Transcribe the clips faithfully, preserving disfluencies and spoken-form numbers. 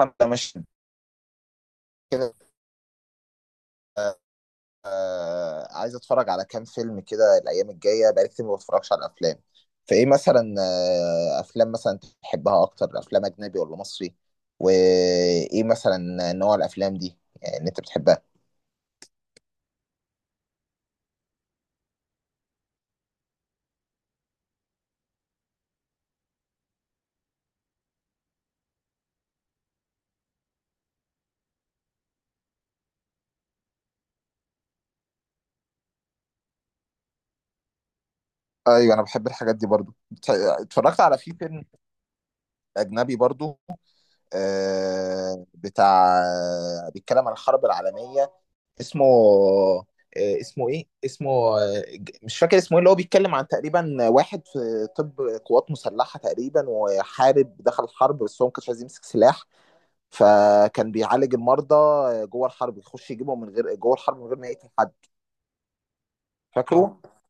احنا مش كده آه، آه، عايز اتفرج على كام فيلم كده الايام الجايه، بقالي كتير ما بتفرجش على الافلام. فايه مثلا، آه، افلام مثلا تحبها اكتر، افلام اجنبي ولا مصري؟ وايه مثلا نوع الافلام دي يعني اللي انت بتحبها؟ ايوه، انا بحب الحاجات دي برضو. بت- اتفرجت على في فيلم اجنبي برضو، آه، بتاع، بيتكلم عن الحرب العالميه، اسمه آه، اسمه ايه، اسمه آه، ج- مش فاكر اسمه ايه، اللي هو بيتكلم عن تقريبا واحد في طب قوات مسلحة تقريبا، وحارب، دخل الحرب بس هو ما كانش عايز يمسك سلاح، فكان بيعالج المرضى جوه الحرب، يخش يجيبهم من غير، جوه الحرب من غير ما يقتل حد. فاكره؟ اه.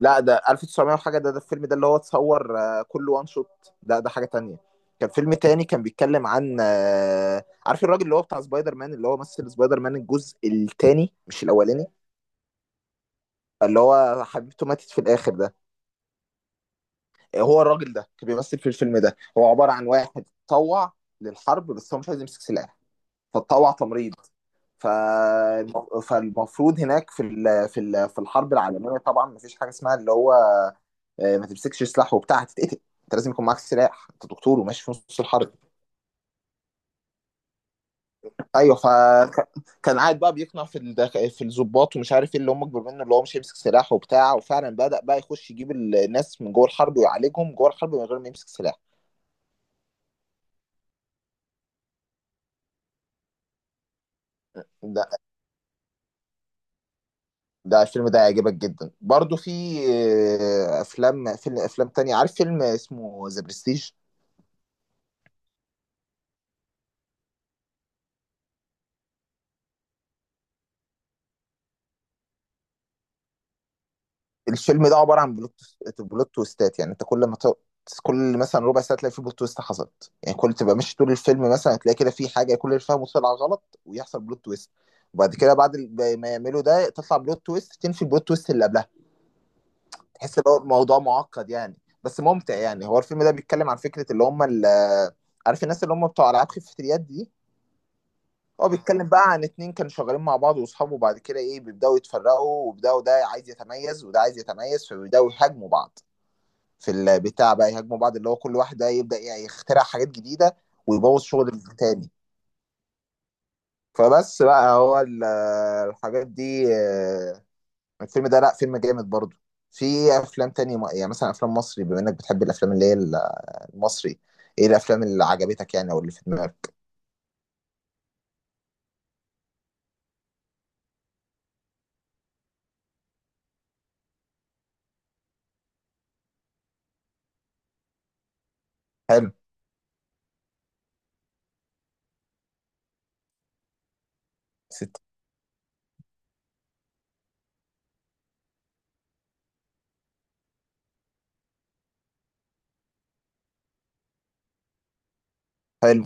لا، ده ألف وتسعمية وحاجة، ده ده الفيلم ده اللي هو اتصور آه، كله وان شوت، ده ده حاجة تانية. كان فيلم تاني كان بيتكلم عن آه، عارف الراجل اللي هو بتاع سبايدر مان، اللي هو مثل سبايدر مان الجزء التاني مش الأولاني، اللي هو حبيبته ماتت في الاخر ده، هو الراجل ده كان بيمثل في الفيلم ده، هو عباره عن واحد اتطوع للحرب بس هو مش عايز يمسك سلاح، فاتطوع تمريض. ف... فالمفروض هناك في ال... في ال... في الحرب العالميه طبعا مفيش حاجه اسمها اللي هو آه، ما تمسكش سلاح وبتاع، هتتقتل، انت لازم يكون معاك سلاح، انت دكتور وماشي في نص الحرب. ايوه، فكان قاعد بقى بيقنع في الدخ... في الضباط ومش عارف ايه اللي هم اكبر منه، اللي هو مش هيمسك سلاح وبتاع، وفعلا بدأ بقى يخش يجيب ال- الناس من جوه الحرب ويعالجهم جوه الحرب من غير ما يمسك سلاح. ده ده الفيلم ده هيعجبك جدا برضو. في آه، افلام، فيلم، افلام تانية، عارف فيلم اسمه ذا برستيج؟ الفيلم ده عباره عن بلوت، بلوت تويستات، يعني انت كل ما ت- كل مثلا ربع ساعه تلاقي في بلوت تويست حصلت، يعني كل تبقى ماشي طول الفيلم مثلا تلاقي كده في حاجه، كل اللي فاهمه طلع غلط، ويحصل بلوت تويست، وبعد كده بعد ال- ما يعملوا ده تطلع بلوت تويست تنفي البلوت تويست اللي قبلها. تحس ان هو الموضوع معقد يعني، بس ممتع يعني. هو الفيلم ده بيتكلم عن فكره اللي هم ال- عارف الناس اللي هم بتوع العاب خفة اليد دي، هو بيتكلم بقى عن اتنين كانوا شغالين مع بعض واصحابه، وبعد كده ايه بيبداوا يتفرقوا، وبداوا ده عايز يتميز وده عايز يتميز، فبيبداوا يهاجموا بعض في البتاع بقى، يهاجموا بعض اللي هو كل واحد بقى يبدا يعني يخترع حاجات جديده ويبوظ شغل التاني. فبس بقى هو ال- الحاجات دي، آه، الفيلم ده لا فيلم جامد برضه. في افلام تانية، م- يعني مثلا افلام مصري، بما انك بتحب الافلام اللي هي المصري، ايه الافلام اللي عجبتك يعني او اللي في دماغك؟ حلو. ست. حلو.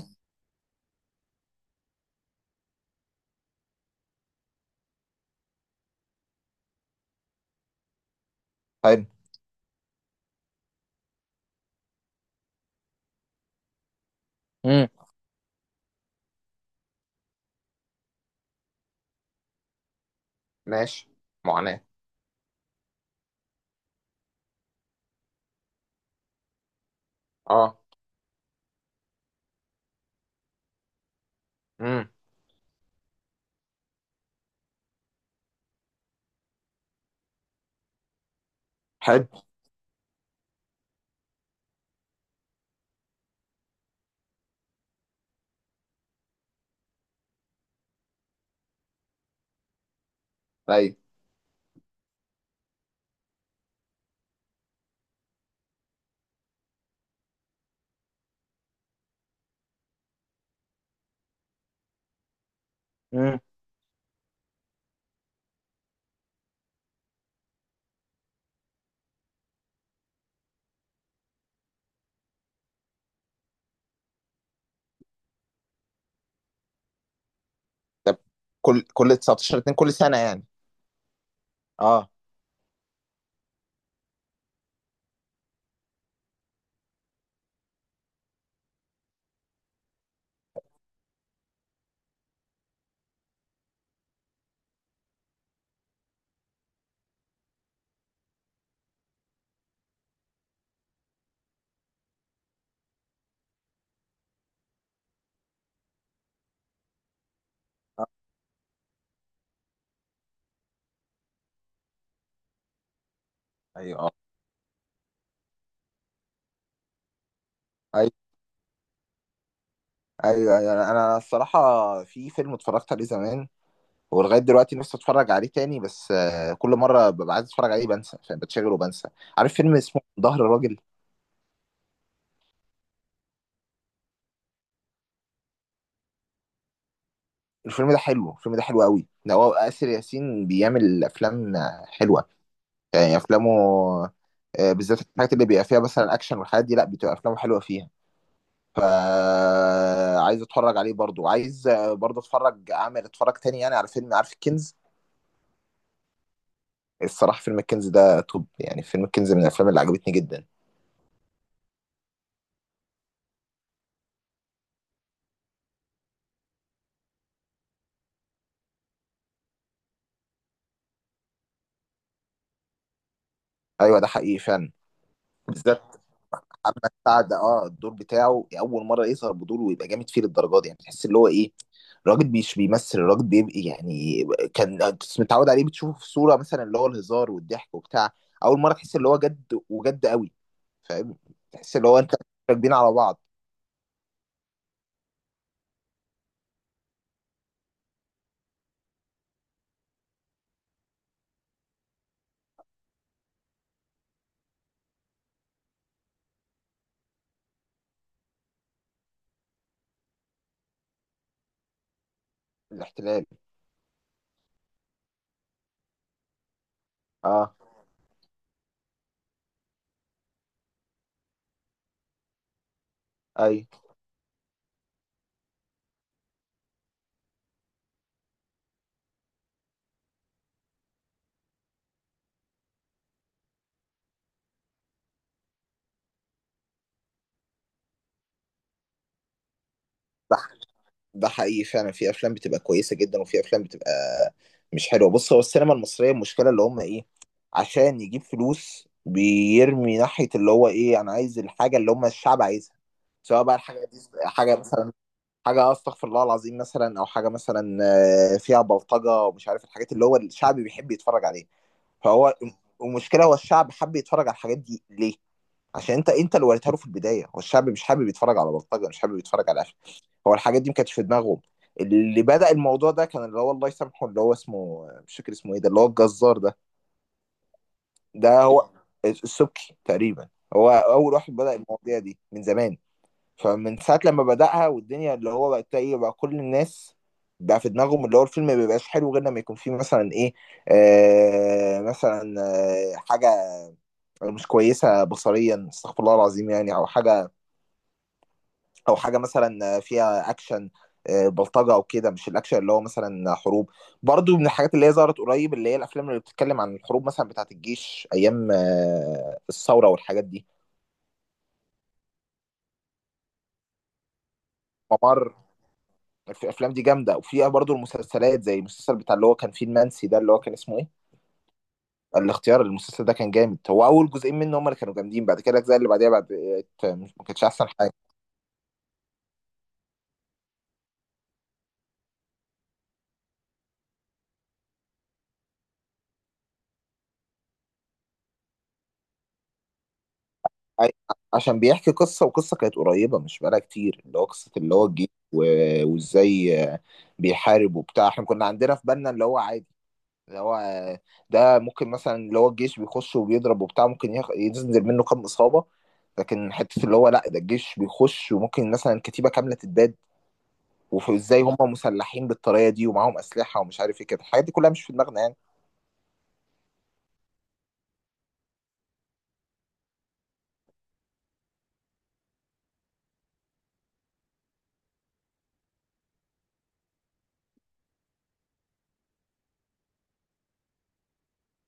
حلو. امم. ماشي. معاناة. اه. امم. حلو. ايوه. امم. طب، كل كل تسعتاشر اتنين، كل سنه يعني؟ اه، ايوه، اه، ايوه، ايوه، ايوه، انا أنا الصراحه في فيلم اتفرجت عليه زمان، ولغايه دلوقتي نفسي اتفرج عليه تاني، بس آه، كل مره ببقى عايز اتفرج عليه بنسى، فاهم، بتشغل وبنسى. عارف فيلم اسمه ظهر الراجل؟ الفيلم ده حلو، الفيلم ده حلو قوي، ده هو آسر ياسين بيعمل افلام آه، حلوه يعني. افلامه آه، بالذات الحاجات اللي بيبقى فيها مثلا اكشن والحاجات دي، لا بتبقى افلامه حلوه فيها. فعايز اتفرج عليه برضو، عايز برضو اتفرج اعمل اتفرج تاني يعني على فيلم. عارف الكنز؟ الصراحه فيلم الكنز ده توب يعني، فيلم الكنز من الافلام اللي عجبتني جدا. ايوه، ده حقيقي فعلا، بالذات محمد سعد، اه الدور بتاعه اول مره يظهر بدور ويبقى جامد فيه للدرجه دي، يعني تحس اللي هو ايه، الراجل مش بيمثل، الراجل بيبقى يعني، كان أنت متعود عليه بتشوفه في صوره مثلا اللي هو الهزار والضحك وبتاع، اول مره تحس اللي هو جد وجد قوي، فاهم، تحس اللي هو انت راكبين على بعض. الاحتلال. اه. اي، ده ده حقيقي فعلا، في افلام بتبقى كويسه جدا وفي افلام بتبقى مش حلوه. بص، هو السينما المصريه، المشكله اللي هم ايه، عشان يجيب فلوس بيرمي ناحيه اللي هو ايه، انا عايز الحاجه اللي هم الشعب عايزها، سواء بقى الحاجه دي، حاجه مثلا، حاجه استغفر الله العظيم مثلا، او حاجه مثلا آه، فيها بلطجه ومش عارف الحاجات اللي هو الشعب بيحب يتفرج عليها. فهو المشكله، هو الشعب حب يتفرج على الحاجات دي ليه، عشان انت انت اللي وريتها له في البدايه، هو الشعب مش حابب يتفرج على بلطجه، مش حابب يتفرج على قفل، هو الحاجات دي ما كانتش في دماغهم. اللي بدأ الموضوع ده كان اللي هو الله يسامحه، اللي هو اسمه مش فاكر اسمه ايه ده، اللي هو الجزار ده، ده هو السبكي تقريبا، هو اول واحد بدأ المواضيع دي من زمان. فمن ساعه لما بدأها والدنيا، اللي هو بقى ايه، بقى كل الناس بقى في دماغهم اللي هو الفيلم ما بيبقاش حلو غير لما يكون فيه مثلا ايه، آه مثلا آه حاجه مش كويسه بصريا استغفر الله العظيم يعني، او حاجه، او حاجه مثلا فيها اكشن، آه، بلطجه او كده، مش الاكشن اللي هو مثلا حروب. برضو من الحاجات اللي هي ظهرت قريب اللي هي الافلام اللي بتتكلم عن الحروب مثلا، بتاعه الجيش ايام آه، الثوره والحاجات دي. ممر، في الافلام دي جامده، وفيها برضو المسلسلات زي المسلسل بتاع اللي هو كان فيه المنسي ده اللي هو كان اسمه ايه. الاختيار، المسلسل ده كان جامد، هو اول جزئين منه هم اللي كانوا جامدين، بعد كده الاجزاء اللي بعديها بعد، ما كانتش احسن حاجه. أي- عشان بيحكي قصة، وقصة كانت قريبة مش بقالها كتير، اللي هو قصة اللي هو الجيش و- وازاي آه، بيحارب وبتاع، احنا كنا عندنا في بالنا اللي هو عادي، اللي هو آه، ده ممكن مثلا اللي هو الجيش بيخش وبيضرب وبتاع، ممكن ياخ- ينزل منه كام إصابة، لكن حتة اللي هو لا ده الجيش بيخش وممكن مثلا كتيبة كاملة تتباد، وازاي هم مسلحين بالطريقة دي ومعاهم أسلحة ومش عارف ايه كده، الحاجات دي كلها مش في دماغنا.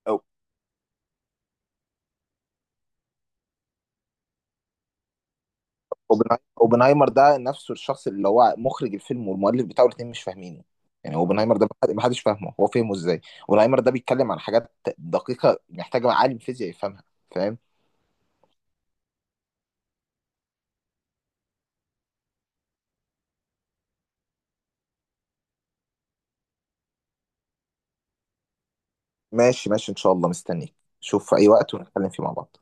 يعني اوبنهايمر اوبنهايمر ده نفسه الشخص اللي هو مخرج الفيلم والمؤلف بتاعه الاثنين مش فاهمينه، يعني اوبنهايمر ده ما حدش فاهمه، هو فهمه ازاي، اوبنهايمر ده بيتكلم عن حاجات دقيقة محتاجة عالم فيزياء يفهمها، فاهم. ماشي ماشي، ان شاء الله مستنيك، شوف في اي وقت ونتكلم فيه مع بعض.